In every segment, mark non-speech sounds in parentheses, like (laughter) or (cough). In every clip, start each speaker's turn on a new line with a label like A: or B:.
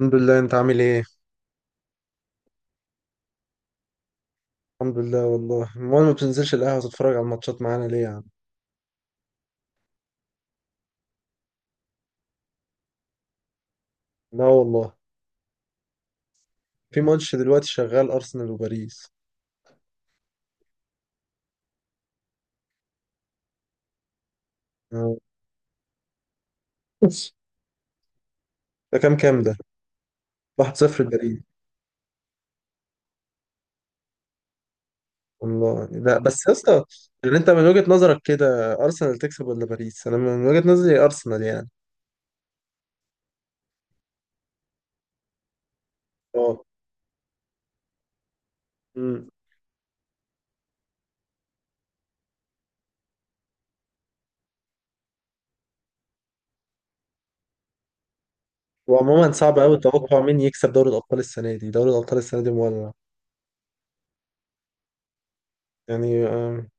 A: الحمد لله. انت عامل ايه؟ الحمد لله والله. امال ما بتنزلش القهوه تتفرج على الماتشات معانا ليه يا عم؟ لا والله. في ماتش دلوقتي شغال ارسنال وباريس. اه. ده كام ده؟ 1-0 باريس. والله لا بس يا اسطى، يعني انت من وجهة نظرك كده ارسنال تكسب ولا باريس؟ انا من وجهة نظري ارسنال يعني. اه. امم. وعموما صعب قوي التوقع مين يكسب دوري الابطال السنه دي، دوري الابطال السنه دي مولع يعني.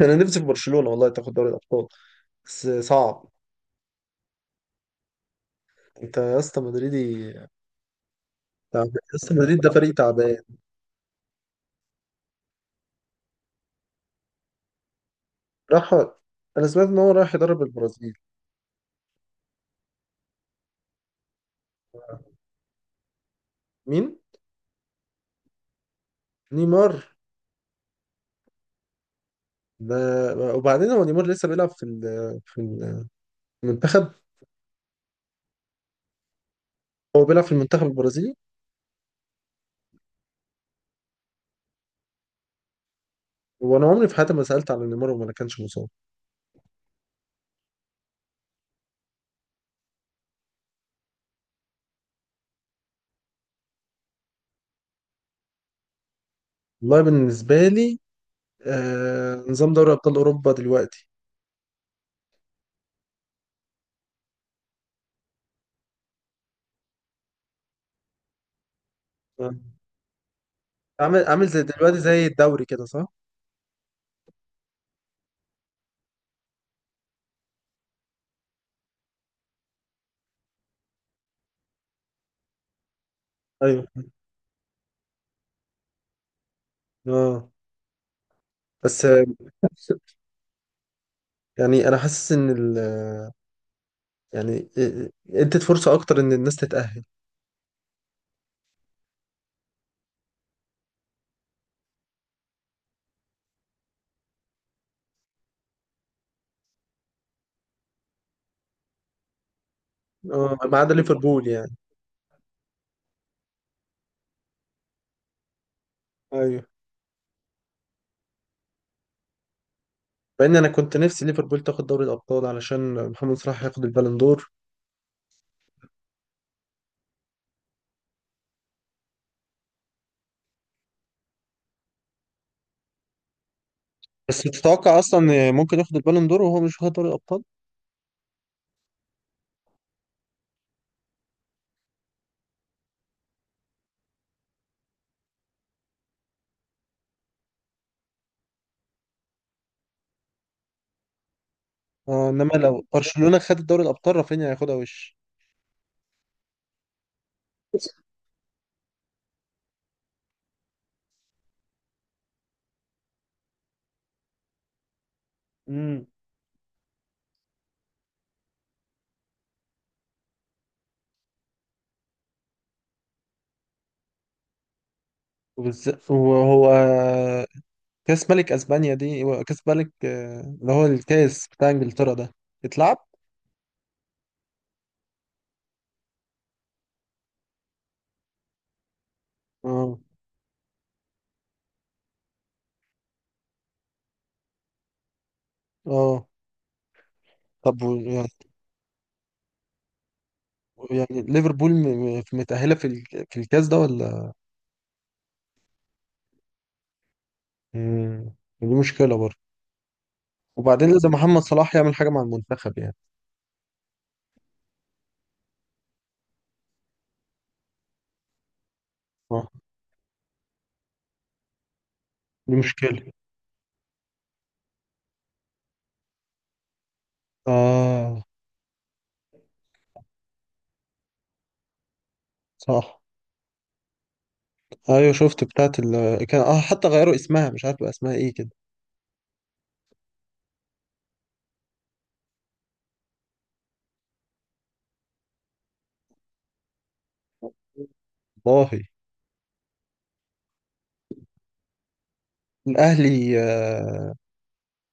A: انا نفسي في برشلونه والله تاخد دوري الابطال، بس صعب. انت يا اسطى مدريدي؟ تعبان، اصل مدريد ده فريق تعبان راح. انا سمعت ان هو رايح يدرب البرازيل. مين؟ نيمار ده؟ وبعدين هو نيمار لسه بيلعب في المنتخب؟ هو بيلعب في المنتخب البرازيلي؟ وانا عمري في حياتي ما سالت على نيمار وما كانش مصاب. والله بالنسبه لي، آه، نظام دوري ابطال اوروبا دلوقتي، آه، عامل زي دلوقتي زي الدوري كده صح؟ ايوه. اه. بس، (laughs) يعني انا حاسس ان ال... يعني ادت فرصه اكتر ان الناس تتاهل. اه، ما عدا ليفربول يعني. ايوه. مع ان انا كنت نفسي ليفربول تاخد دوري الابطال علشان محمد صلاح ياخد البالون دور. بس تتوقع اصلا ممكن ياخد البالون دور وهو مش واخد دوري الابطال؟ آه. انما لو برشلونة خد الدوري الابطال رافينيا هياخدها وش. امم. وبالذات وهو كاس ملك اسبانيا، دي كاس ملك، اللي هو الكاس بتاع انجلترا ده يتلعب. اه. اه. طب يعني، يعني ليفربول متأهلة في الكاس ده ولا؟ مم. دي مشكلة برضه. وبعدين لازم محمد صلاح يعمل حاجة مع المنتخب يعني. اه. دي مشكلة. اه. صح. ايوه شفت بتاعت ال كان، اه، حتى غيروا اسمها مش عارف بقى اسمها ايه كده. والله. الاهلي، آه،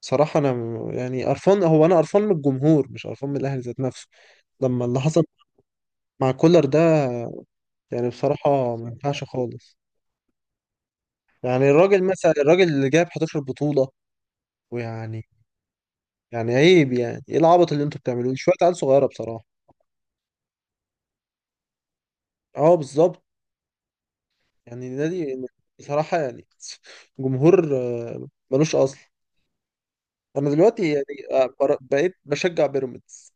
A: صراحة انا يعني قرفان، هو انا قرفان من الجمهور مش قرفان من الاهلي ذات نفسه، لما اللي حصل مع كولر ده. يعني بصراحة ما ينفعش خالص. يعني الراجل مثلا، الراجل اللي جاب 11 بطولة، ويعني، يعني عيب. يعني ايه العبط اللي انتوا بتعملوه؟ شوية عيال صغيرة بصراحة. اه بالظبط. يعني نادي، بصراحة يعني، جمهور، ملوش أصل. أنا دلوقتي يعني، بقيت بشجع بيراميدز.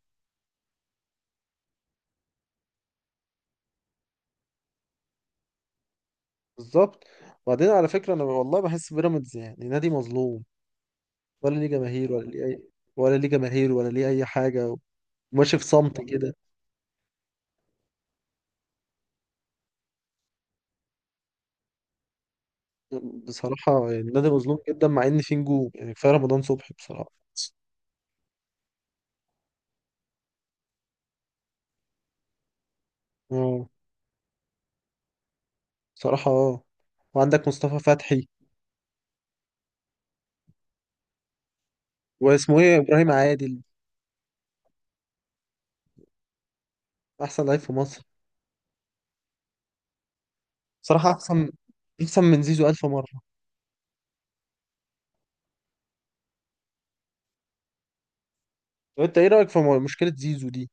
A: بالظبط. وبعدين على فكرة أنا والله بحس بيراميدز يعني نادي مظلوم، ولا ليه جماهير ولا ليه أي، ولا ليه جماهير ولا ليه أي حاجة، وماشي في صمت كده. بصراحة يعني نادي مظلوم جدا، مع إن فيه نجوم. يعني كفاية رمضان صبحي بصراحة. اه بصراحة. اه. وعندك مصطفى فتحي، واسمه ايه، إبراهيم عادل. أحسن لعيب في مصر. صراحة أحسن، أحسن من زيزو ألف مرة. طب أنت إيه رأيك في مشكلة زيزو دي؟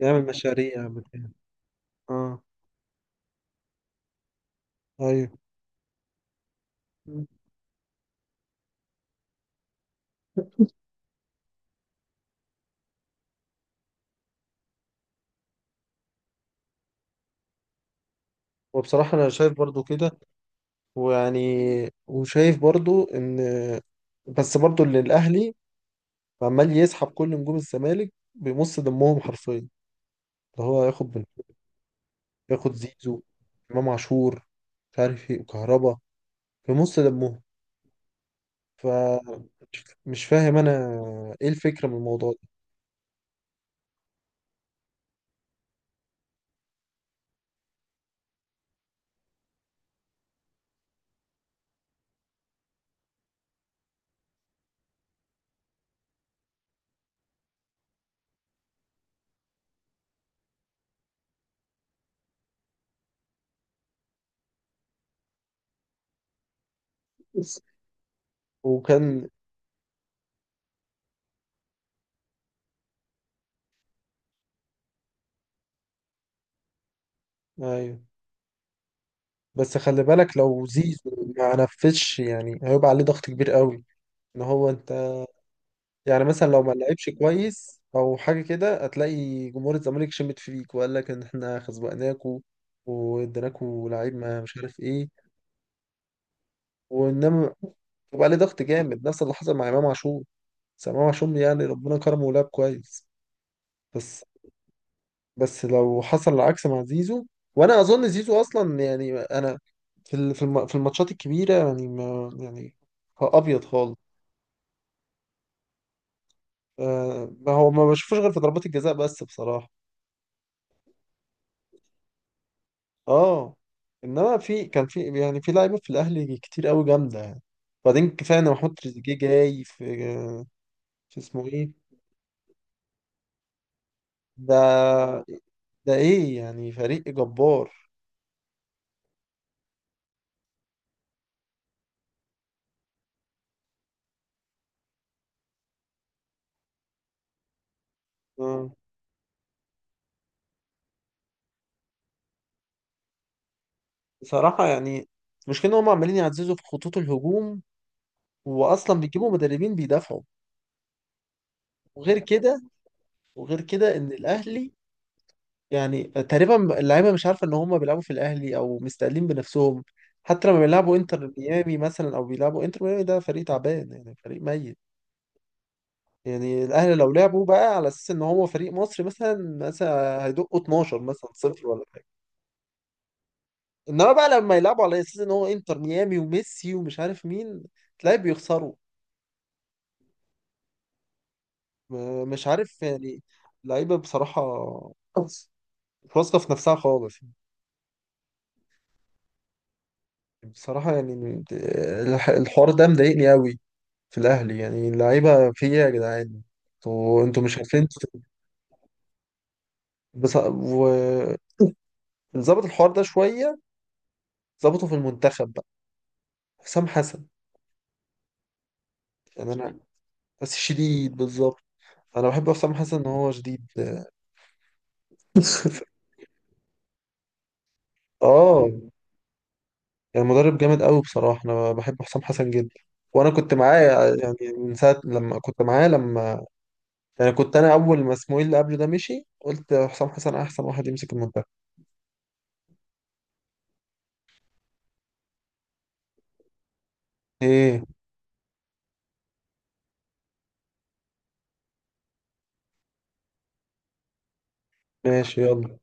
A: يعمل مشاريع، يعمل كده. آه. أيوه. وبصراحة أنا شايف برضو كده. ويعني، وشايف برضو إن، بس برضو اللي الأهلي عمال يسحب كل نجوم الزمالك بيمص دمهم حرفيا. اللي هو ياخد بن... ياخد زيزو، إمام عاشور، مش عارف إيه، وكهربا، بيمص دمهم. ف، مش فاهم أنا إيه الفكرة من الموضوع ده. وكان. أيوه. بس خلي بالك، لو زيزو ما نفذش يعني هيبقى عليه ضغط كبير قوي، ان هو انت، يعني مثلا لو ما لعبش كويس او حاجه كده هتلاقي جمهور الزمالك شمت فيك، وقال لك ان احنا خزوقناكوا واديناكوا لعيب، ما مش عارف ايه. وانما يبقى عليه ضغط جامد، نفس اللي حصل مع امام عاشور. بس امام عاشور يعني ربنا كرمه ولعب كويس. بس، بس لو حصل العكس مع زيزو. وانا اظن زيزو اصلا يعني انا، في الماتشات الكبيره يعني، ما يعني، هو ابيض خالص. آه، ما هو ما بشوفوش غير في ضربات الجزاء بس بصراحه. اه. انما في يعني في لعيبه في الاهلي كتير قوي جامده يعني. وبعدين كفايه ان محمود تريزيجيه جاي في، في اسمه ايه، ده، ده ايه يعني، فريق جبار. آه. بصراحه يعني، المشكله ان هم عمالين يعززوا في خطوط الهجوم، واصلا بيجيبوا مدربين بيدافعوا. وغير كده، وغير كده ان الاهلي يعني تقريبا اللعيبه مش عارفه ان هم بيلعبوا في الاهلي او مستقلين بنفسهم. حتى لما بيلعبوا انتر ميامي مثلا، او بيلعبوا انتر ميامي، ده فريق تعبان يعني فريق ميت. يعني الاهلي لو لعبوا بقى على اساس ان هو فريق مصري مثلا، مثلا هيدقوا 12 مثلا صفر ولا حاجه. انما بقى لما يلعبوا على اساس ان هو انتر ميامي وميسي ومش عارف مين، تلاقي بيخسروا. مش عارف يعني. اللعيبه بصراحه مش واثقه في نفسها خالص. بصراحة يعني الحوار ده مضايقني قوي، في الأهلي يعني. اللعيبة في إيه يا جدعان؟ انتوا مش عارفين بص... وظبط الحوار ده شوية، ظبطه في المنتخب بقى. حسام حسن. يعني أنا، بس شديد بالظبط. أنا بحب حسام حسن إن هو شديد. (laughs) آه. يعني مدرب جامد قوي. بصراحة أنا بحب حسام حسن جدا. وأنا كنت معاه، يعني من ساعة لما كنت معاه لما، يعني كنت أنا أول ما اسماعيل اللي قبله ده مشي، قلت حسام حسن أحسن واحد يمسك المنتخب. إيه؟ ماشي، يلا.